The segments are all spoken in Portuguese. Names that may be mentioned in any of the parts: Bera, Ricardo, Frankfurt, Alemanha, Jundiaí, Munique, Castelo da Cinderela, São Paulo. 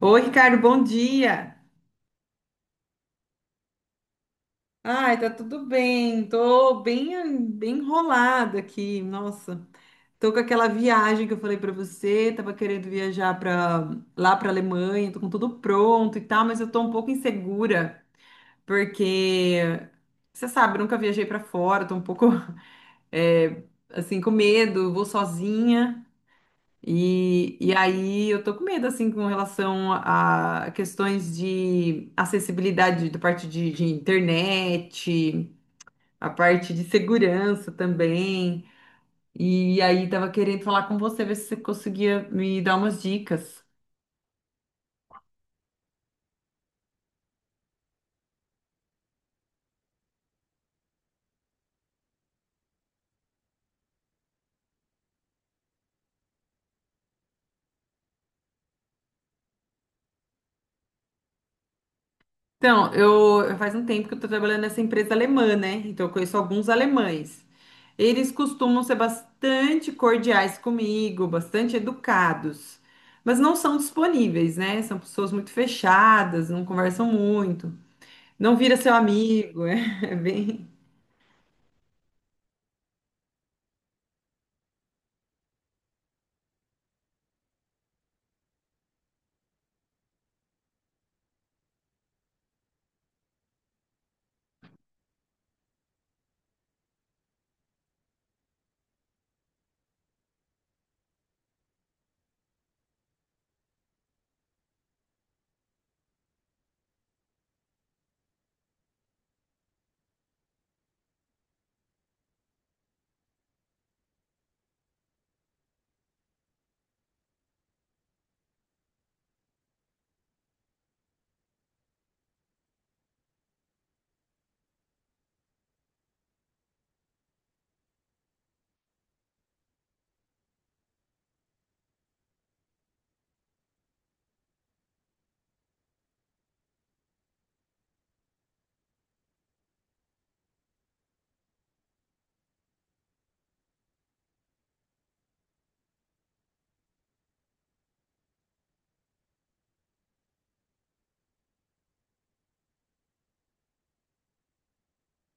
Oi, Ricardo, bom dia. Ai, tá tudo bem. Tô bem enrolada aqui. Nossa, tô com aquela viagem que eu falei pra você. Tava querendo viajar para lá pra Alemanha. Tô com tudo pronto e tal, mas eu tô um pouco insegura porque você sabe, eu nunca viajei pra fora. Tô um pouco é, assim com medo. Vou sozinha. E aí eu tô com medo, assim, com relação a questões de acessibilidade da parte de internet, a parte de segurança também. E aí tava querendo falar com você, ver se você conseguia me dar umas dicas. Então, eu faz um tempo que eu estou trabalhando nessa empresa alemã, né? Então, eu conheço alguns alemães. Eles costumam ser bastante cordiais comigo, bastante educados, mas não são disponíveis, né? São pessoas muito fechadas, não conversam muito, não vira seu amigo, é bem.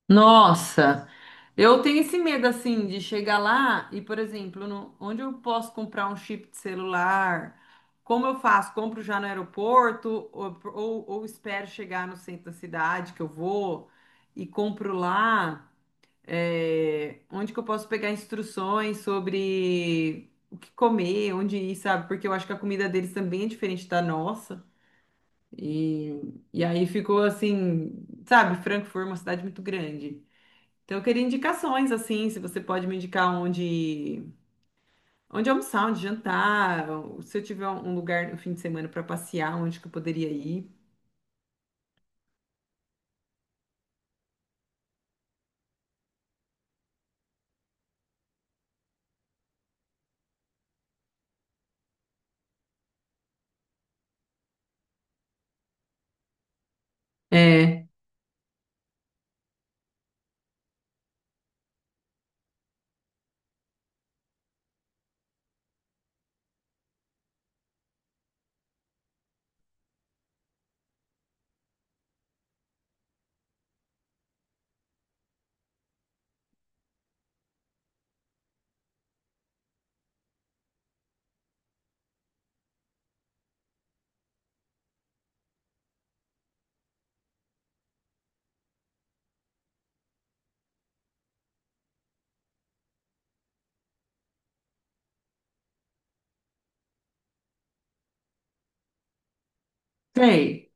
Nossa, eu tenho esse medo assim de chegar lá e, por exemplo, onde eu posso comprar um chip de celular? Como eu faço? Compro já no aeroporto ou, ou espero chegar no centro da cidade que eu vou e compro lá? É, onde que eu posso pegar instruções sobre o que comer, onde ir, sabe? Porque eu acho que a comida deles também é diferente da nossa. E, e aí ficou assim, sabe? Frankfurt é uma cidade muito grande. Então, eu queria indicações, assim, se você pode me indicar onde almoçar, onde jantar, ou se eu tiver um lugar no fim de semana para passear, onde que eu poderia ir. É, sei,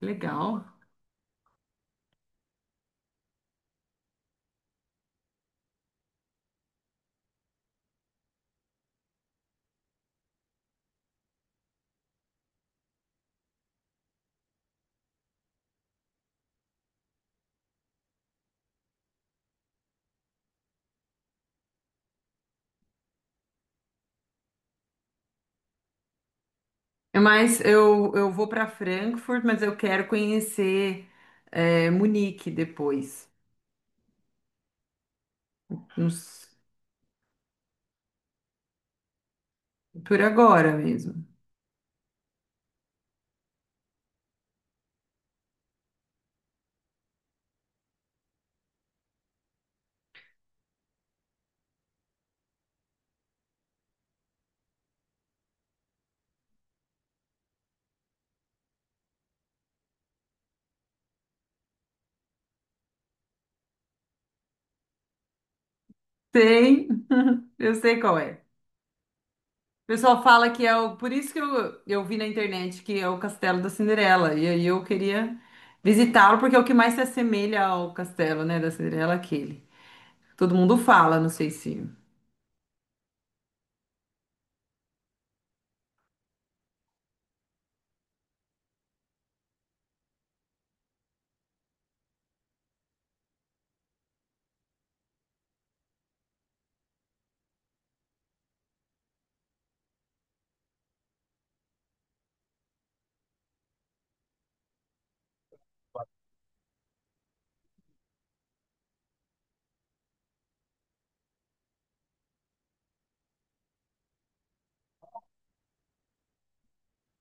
legal. É, mas eu vou para Frankfurt, mas eu quero conhecer é, Munique depois. Nos- por agora mesmo. Sei, eu sei qual é. O pessoal fala que é o. Por isso que eu vi na internet que é o Castelo da Cinderela. E aí eu queria visitá-lo, porque é o que mais se assemelha ao castelo, né, da Cinderela, é aquele. Todo mundo fala, não sei se.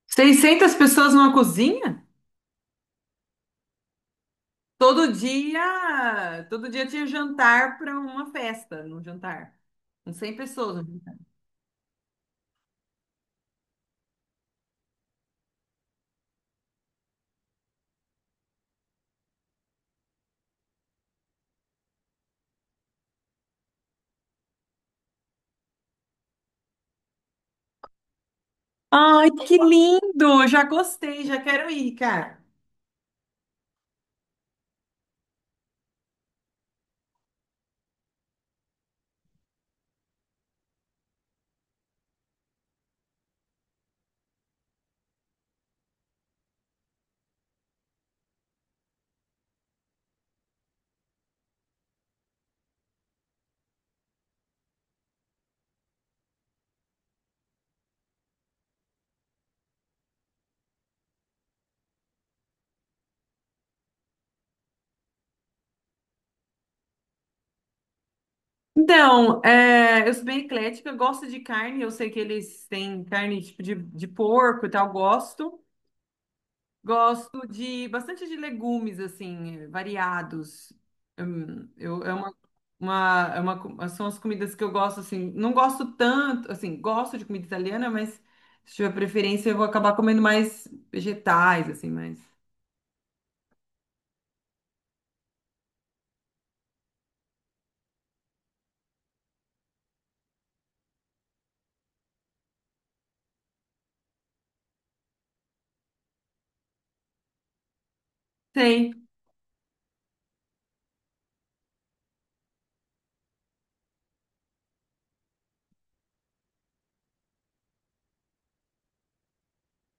600 pessoas numa cozinha? Todo dia. Todo dia tinha jantar para uma festa, num jantar. Com 100 pessoas. No jantar. Ai, que lindo! Já gostei, já quero ir, cara. Então, é, eu sou bem eclética, eu gosto de carne, eu sei que eles têm carne tipo de porco e tal, gosto. Gosto de bastante de legumes, assim, variados. Eu, é uma, é uma são as comidas que eu gosto, assim, não gosto tanto, assim, gosto de comida italiana, mas se tiver preferência eu vou acabar comendo mais vegetais, assim, mas... Sei,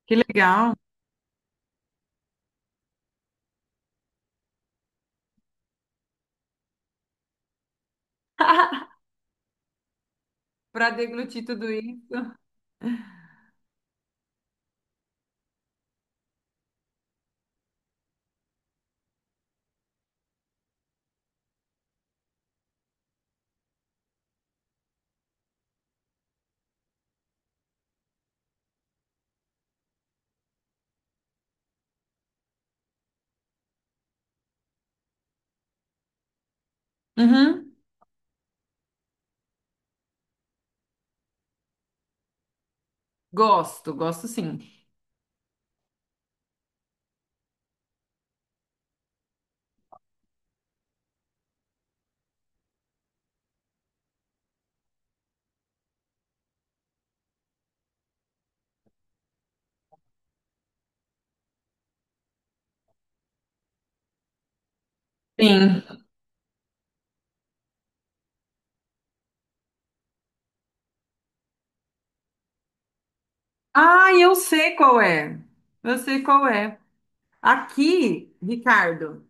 que legal, para deglutir tudo isso. Uhum, gosto, gosto sim. Sim. Ah, eu sei qual é. Eu sei qual é. Aqui, Ricardo,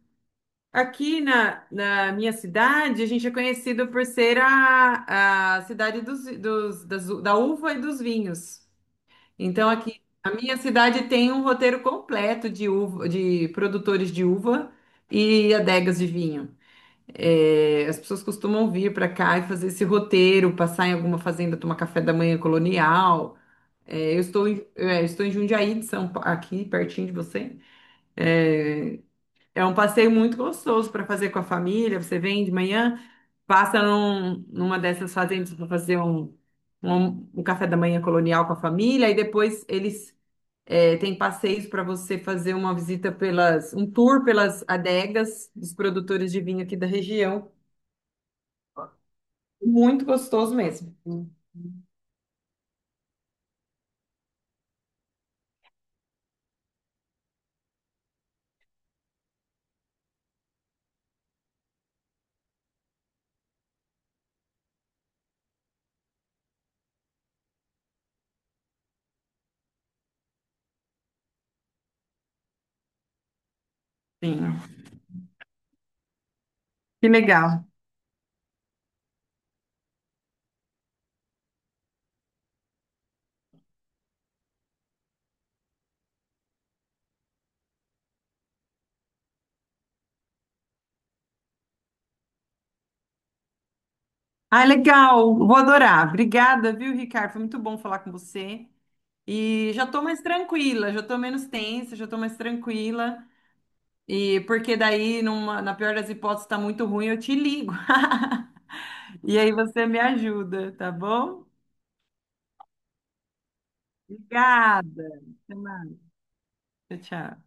aqui na, na minha cidade, a gente é conhecido por ser a cidade das da uva e dos vinhos. Então, aqui, a minha cidade tem um roteiro completo de uva, de produtores de uva e adegas de vinho. É, as pessoas costumam vir para cá e fazer esse roteiro, passar em alguma fazenda, tomar café da manhã colonial. É, eu estou em, é, eu estou em Jundiaí, de aqui pertinho de você. É, é um passeio muito gostoso para fazer com a família. Você vem de manhã, passa numa dessas fazendas para fazer um, um, um café da manhã colonial com a família, e depois eles é, têm passeios para você fazer uma visita pelas, um tour pelas adegas dos produtores de vinho aqui da região. Muito gostoso mesmo. Sim, que legal. Ah, legal, vou adorar. Obrigada, viu, Ricardo? Foi muito bom falar com você. E já tô mais tranquila, já tô menos tensa, já tô mais tranquila. E porque daí, na pior das hipóteses, tá muito ruim, eu te ligo. E aí você me ajuda, tá bom? Obrigada. Até mais. Tchau, tchau.